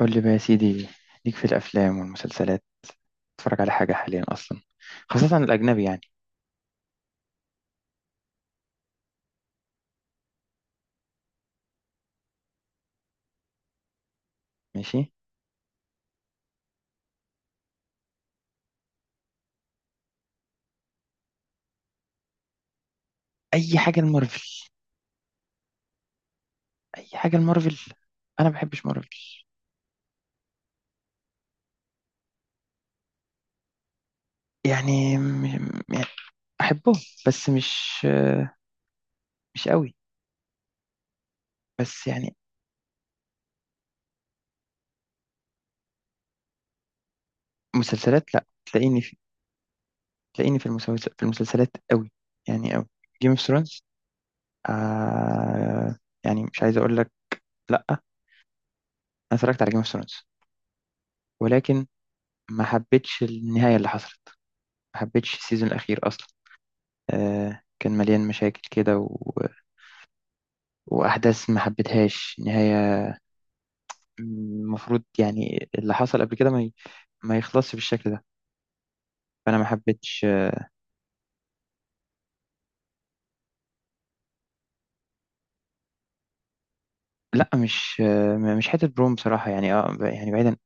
قول لي بقى يا سيدي، ليك في الافلام والمسلسلات، تتفرج على حاجه حاليا اصلا؟ خاصه الاجنبي يعني. ماشي. اي حاجه المارفل اي حاجه المارفل. انا ما بحبش مارفل. يعني م... يعني احبه، بس مش قوي، بس يعني. مسلسلات، لا، تلاقيني في المسلسل، في المسلسلات قوي، يعني قوي. جيم اوف ثرونز، آه... يعني مش عايز اقول لك، لا انا اتفرجت على جيم اوف ثرونز، ولكن ما حبيتش النهايه اللي حصلت، ما حبيتش السيزون الاخير اصلا. كان مليان مشاكل كده وأحداث ما حبيتهاش نهاية. المفروض يعني اللي حصل قبل كده ما يخلصش بالشكل ده، فأنا ما حبيتش. لا، مش حتة برون بصراحة، يعني يعني بعيدا،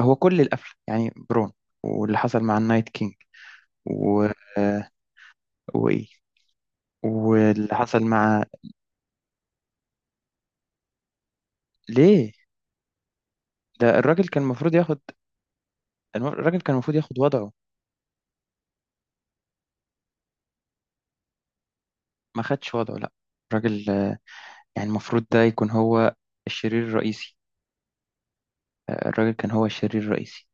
هو كل القفل يعني برون. واللي حصل مع النايت كينج و... آه، وإيه، واللي حصل مع... ليه؟ ده الراجل كان المفروض ياخد. الراجل كان المفروض ياخد وضعه، ما خدش وضعه، لا. الراجل يعني المفروض ده يكون هو الشرير الرئيسي، الراجل كان هو الشرير الرئيسي.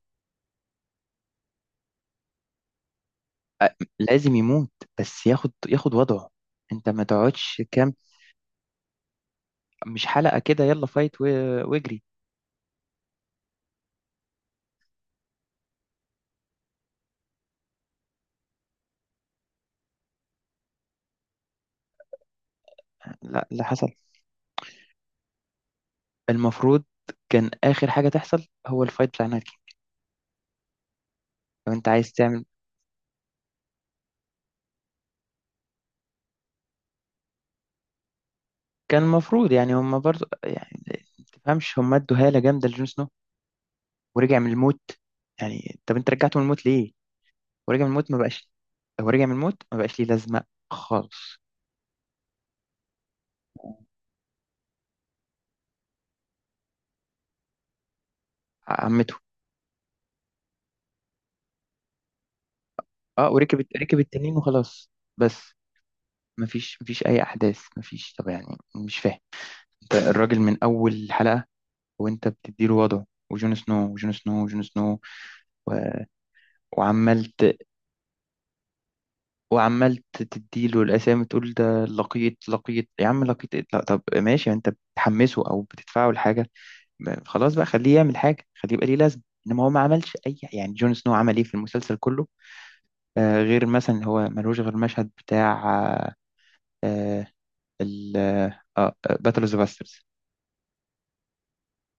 لازم يموت، بس ياخد وضعه. انت ما تقعدش كام مش حلقة كده، يلا فايت واجري. لا، اللي حصل المفروض كان آخر حاجة تحصل هو الفايت بتاع ناكي، لو انت عايز تعمل. كان المفروض، يعني هم برضو يعني ما تفهمش، هم ادوا هالة جامدة لجون سنو ورجع من الموت، يعني طب انت رجعته من الموت ليه؟ ورجع من الموت ما بقاش، هو رجع من الموت ما بقاش ليه لازمة، خالص. عمته. اه، وركب ركب التنين وخلاص، بس. مفيش اي احداث، مفيش، طب يعني مش فاهم. انت الراجل من اول حلقه وانت بتديله وضعه، وجون سنو وجون سنو وجون سنو و... وعملت. وعملت تديله الاسامي، تقول ده لقيط، لقيط يا عم، لقيط إيه؟ لا، طب ماشي يعني انت بتحمسه او بتدفعه لحاجه. خلاص بقى خليه يعمل حاجه، خليه يبقى ليه لازمه. انما هو ما عملش اي، يعني جون سنو عمل ايه في المسلسل كله؟ غير مثلا هو ملوش غير المشهد بتاع آه ال آه باتل اوف ذا باسترز،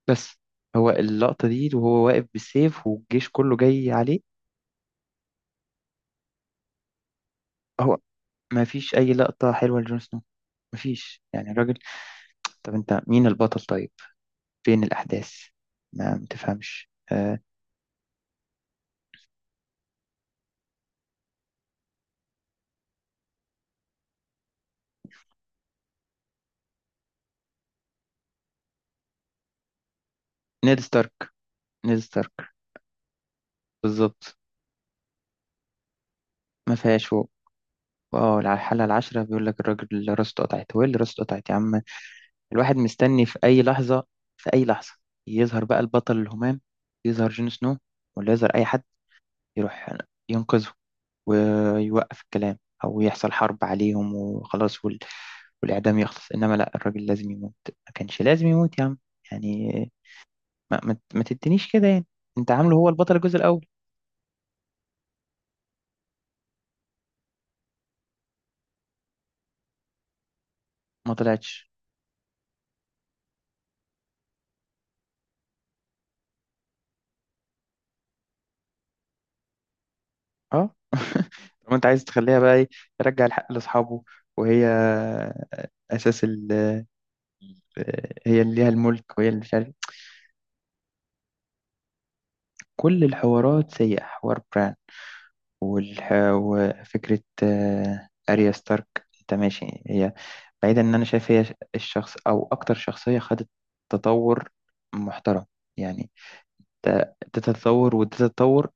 بس. هو اللقطة دي وهو واقف بالسيف والجيش كله جاي عليه. هو ما فيش أي لقطة حلوة لجون سنو، ما فيش يعني الراجل. طب أنت مين البطل طيب، فين الأحداث، ما متفهمش نيد ستارك. نيد ستارك، بالظبط. ما فيهاش هو، اه على الحلقة العاشرة بيقول لك الراجل اللي راسه اتقطعت، هو إيه اللي راسه اتقطعت يا عم؟ الواحد مستني في أي لحظة، في أي لحظة يظهر بقى البطل الهمام، يظهر جون سنو، ولا يظهر أي حد يروح ينقذه ويوقف الكلام، أو يحصل حرب عليهم وخلاص والإعدام يخلص، إنما لا، الراجل لازم يموت، ما كانش لازم يموت يا عم. يعني ما تدينيش كده يعني، أنت عامله هو البطل الجزء الأول. ما طلعتش، أه. طب أنت عايز تخليها بقى إيه؟ يرجع الحق لأصحابه، وهي أساس هي اللي ليها الملك وهي اللي مش عارف. كل الحوارات سيئة، حوار بران، والح... وفكرة أريا ستارك. أنت ماشي، هي بعيدا إن أنا شايف هي الشخص أو أكتر شخصية خدت تطور محترم. يعني تتطور وتتطور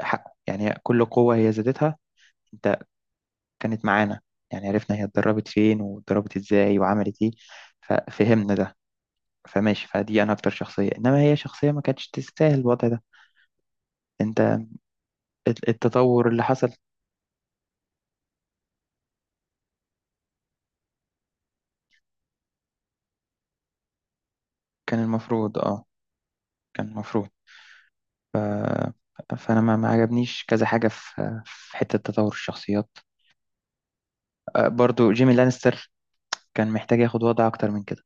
حقه، يعني كل قوة هي زادتها. أنت كانت معانا، يعني عرفنا هي اتدربت فين واتدربت إزاي وعملت إيه، ففهمنا ده. فماشي، فدي أنا أكتر شخصية، إنما هي شخصية ما كانتش تستاهل الوضع ده. أنت التطور اللي حصل، كان المفروض آه كان المفروض. فانا ما عجبنيش كذا حاجه في حته تطور الشخصيات. برضو جيمي لانستر كان محتاج ياخد وضع اكتر من كده.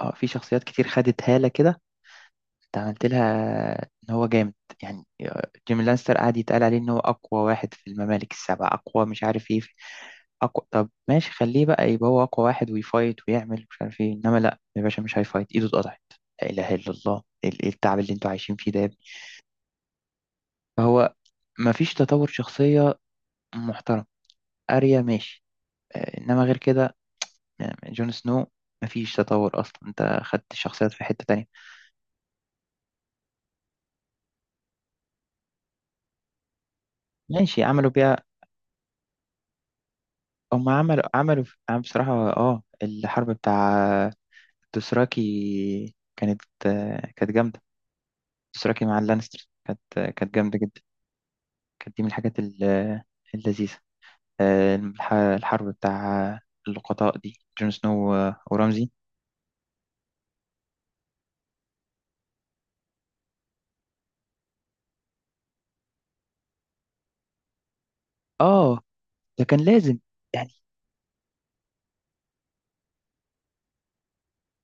اه في شخصيات كتير خدت هاله كده، انت عملت لها ان هو جامد. يعني جيمي لانستر قعد يتقال عليه ان هو اقوى واحد في الممالك السبع، اقوى مش عارف ايه، اقوى. طب ماشي، خليه بقى يبقى هو اقوى واحد، ويفايت ويعمل مش عارف ايه، انما لا يا باشا، مش هيفايت، ايده اتقطعت. لا اله الا الله، ايه التعب اللي انتوا عايشين فيه ده يا ابني. فهو مفيش تطور شخصيه محترم، اريا ماشي. انما غير كده، جون سنو مفيش تطور اصلا، انت خدت الشخصيات في حتة تانية. ماشي عملوا بيها، هم عملوا بصراحة. اه، الحرب بتاع دوسراكي كانت جامدة. دوسراكي مع اللانستر كانت جامدة جدا. كانت دي من الحاجات اللذيذة، الحرب بتاع اللقطاء دي، جون سنو ورمزي. اه، ده كان لازم، يعني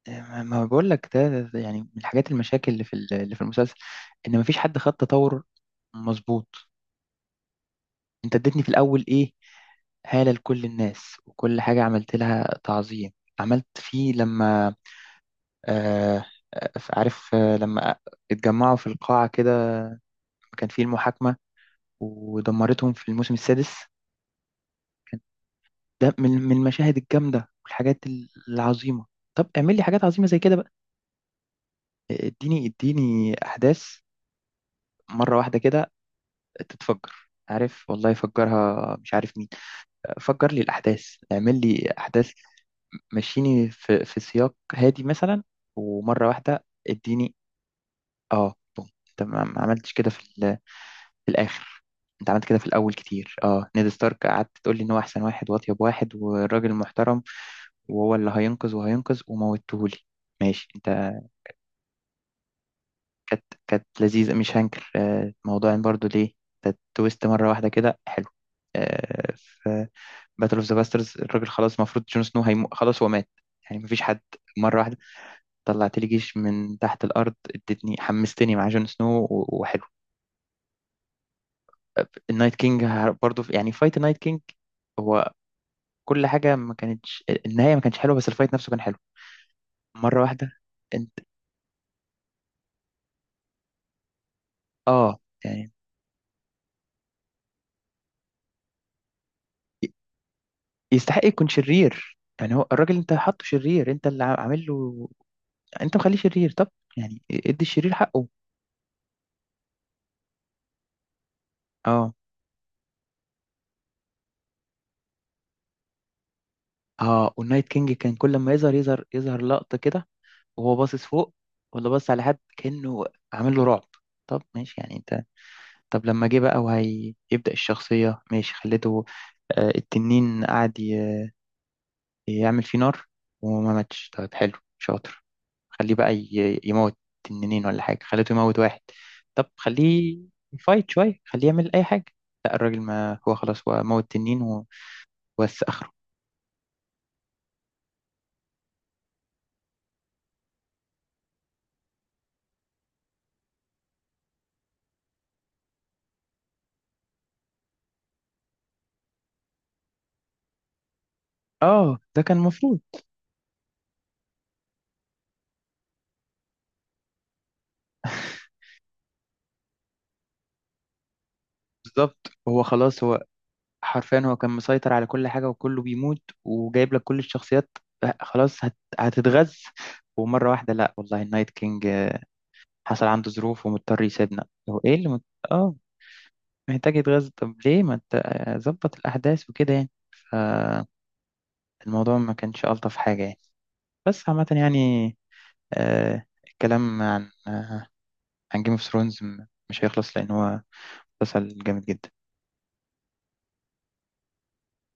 ما بقول لك ده يعني من الحاجات المشاكل اللي في اللي في المسلسل، ان مفيش حد خد تطور، مظبوط. انت اديتني في الاول ايه؟ هالة لكل الناس، وكل حاجة عملت لها تعظيم، عملت فيه لما آه عارف، لما اتجمعوا في القاعة كده، كان فيه المحاكمة، ودمرتهم في الموسم السادس. ده من المشاهد الجامدة والحاجات العظيمة. طب اعمل لي حاجات عظيمة زي كده بقى، اديني اديني أحداث، مرة واحدة كده تتفجر، عارف، والله فجرها مش عارف مين، فجر لي الأحداث، اعمل لي أحداث. مشيني في سياق هادي مثلا، ومرة واحدة اديني. اه، بوم، انت ما عملتش كده في في الآخر. انت عملت كده في الأول كتير، نيد ستارك قعدت تقول لي ان هو أحسن واحد وأطيب واحد والراجل محترم، وهو اللي هينقذ وهينقذ وموتهولي. ماشي انت، كانت لذيذة مش هنكر، موضوع إن برضو ليه ده تويست مرة واحدة كده حلو. آه، باتل اوف ذا باسترز، الراجل خلاص المفروض جون سنو خلاص هو مات، يعني مفيش حد. مرة واحدة طلعت لي جيش من تحت الأرض، ادتني، حمستني مع جون سنو وحلو. النايت كينج برضه يعني فايت النايت كينج هو، كل حاجة، ما كانتش النهاية ما كانتش حلوة، بس الفايت نفسه كان حلو. مرة واحدة انت، اه يعني ي- يستحق يكون شرير، يعني هو الراجل انت حاطه شرير، انت اللي عامل له، انت مخليه شرير، طب يعني ادي الشرير حقه. اه، اه، والنايت كينج كان كل ما يظهر يظهر يظهر لقطة كده، وهو باصص فوق، ولا باصص على حد، كأنه عامل له رعب. طب ماشي يعني انت، طب لما جه بقى وهيبدأ الشخصية ماشي خليته، التنين قعد يعمل فيه نار وما ماتش، طب حلو، شاطر، خليه بقى يموت تنين ولا حاجة، خليته يموت واحد، طب خليه يفايت شوية، خليه يعمل أي حاجة. لا، الراجل ما هو خلاص هو موت تنين وبس آخره. اه ده كان المفروض، بالظبط. هو خلاص هو حرفيا هو كان مسيطر على كل حاجة، وكله بيموت، وجايب لك كل الشخصيات، خلاص هتتغز، ومرة واحدة لا والله، النايت كينج حصل عنده ظروف ومضطر يسيبنا، هو ايه اللي اه، محتاج يتغذى، طب ليه ما انت ظبط الأحداث وكده يعني. فالموضوع ما كانش ألطف حاجة يعني، بس عامة يعني الكلام عن جيم اوف ثرونز مش هيخلص، لأن هو مسلسل جامد جدا.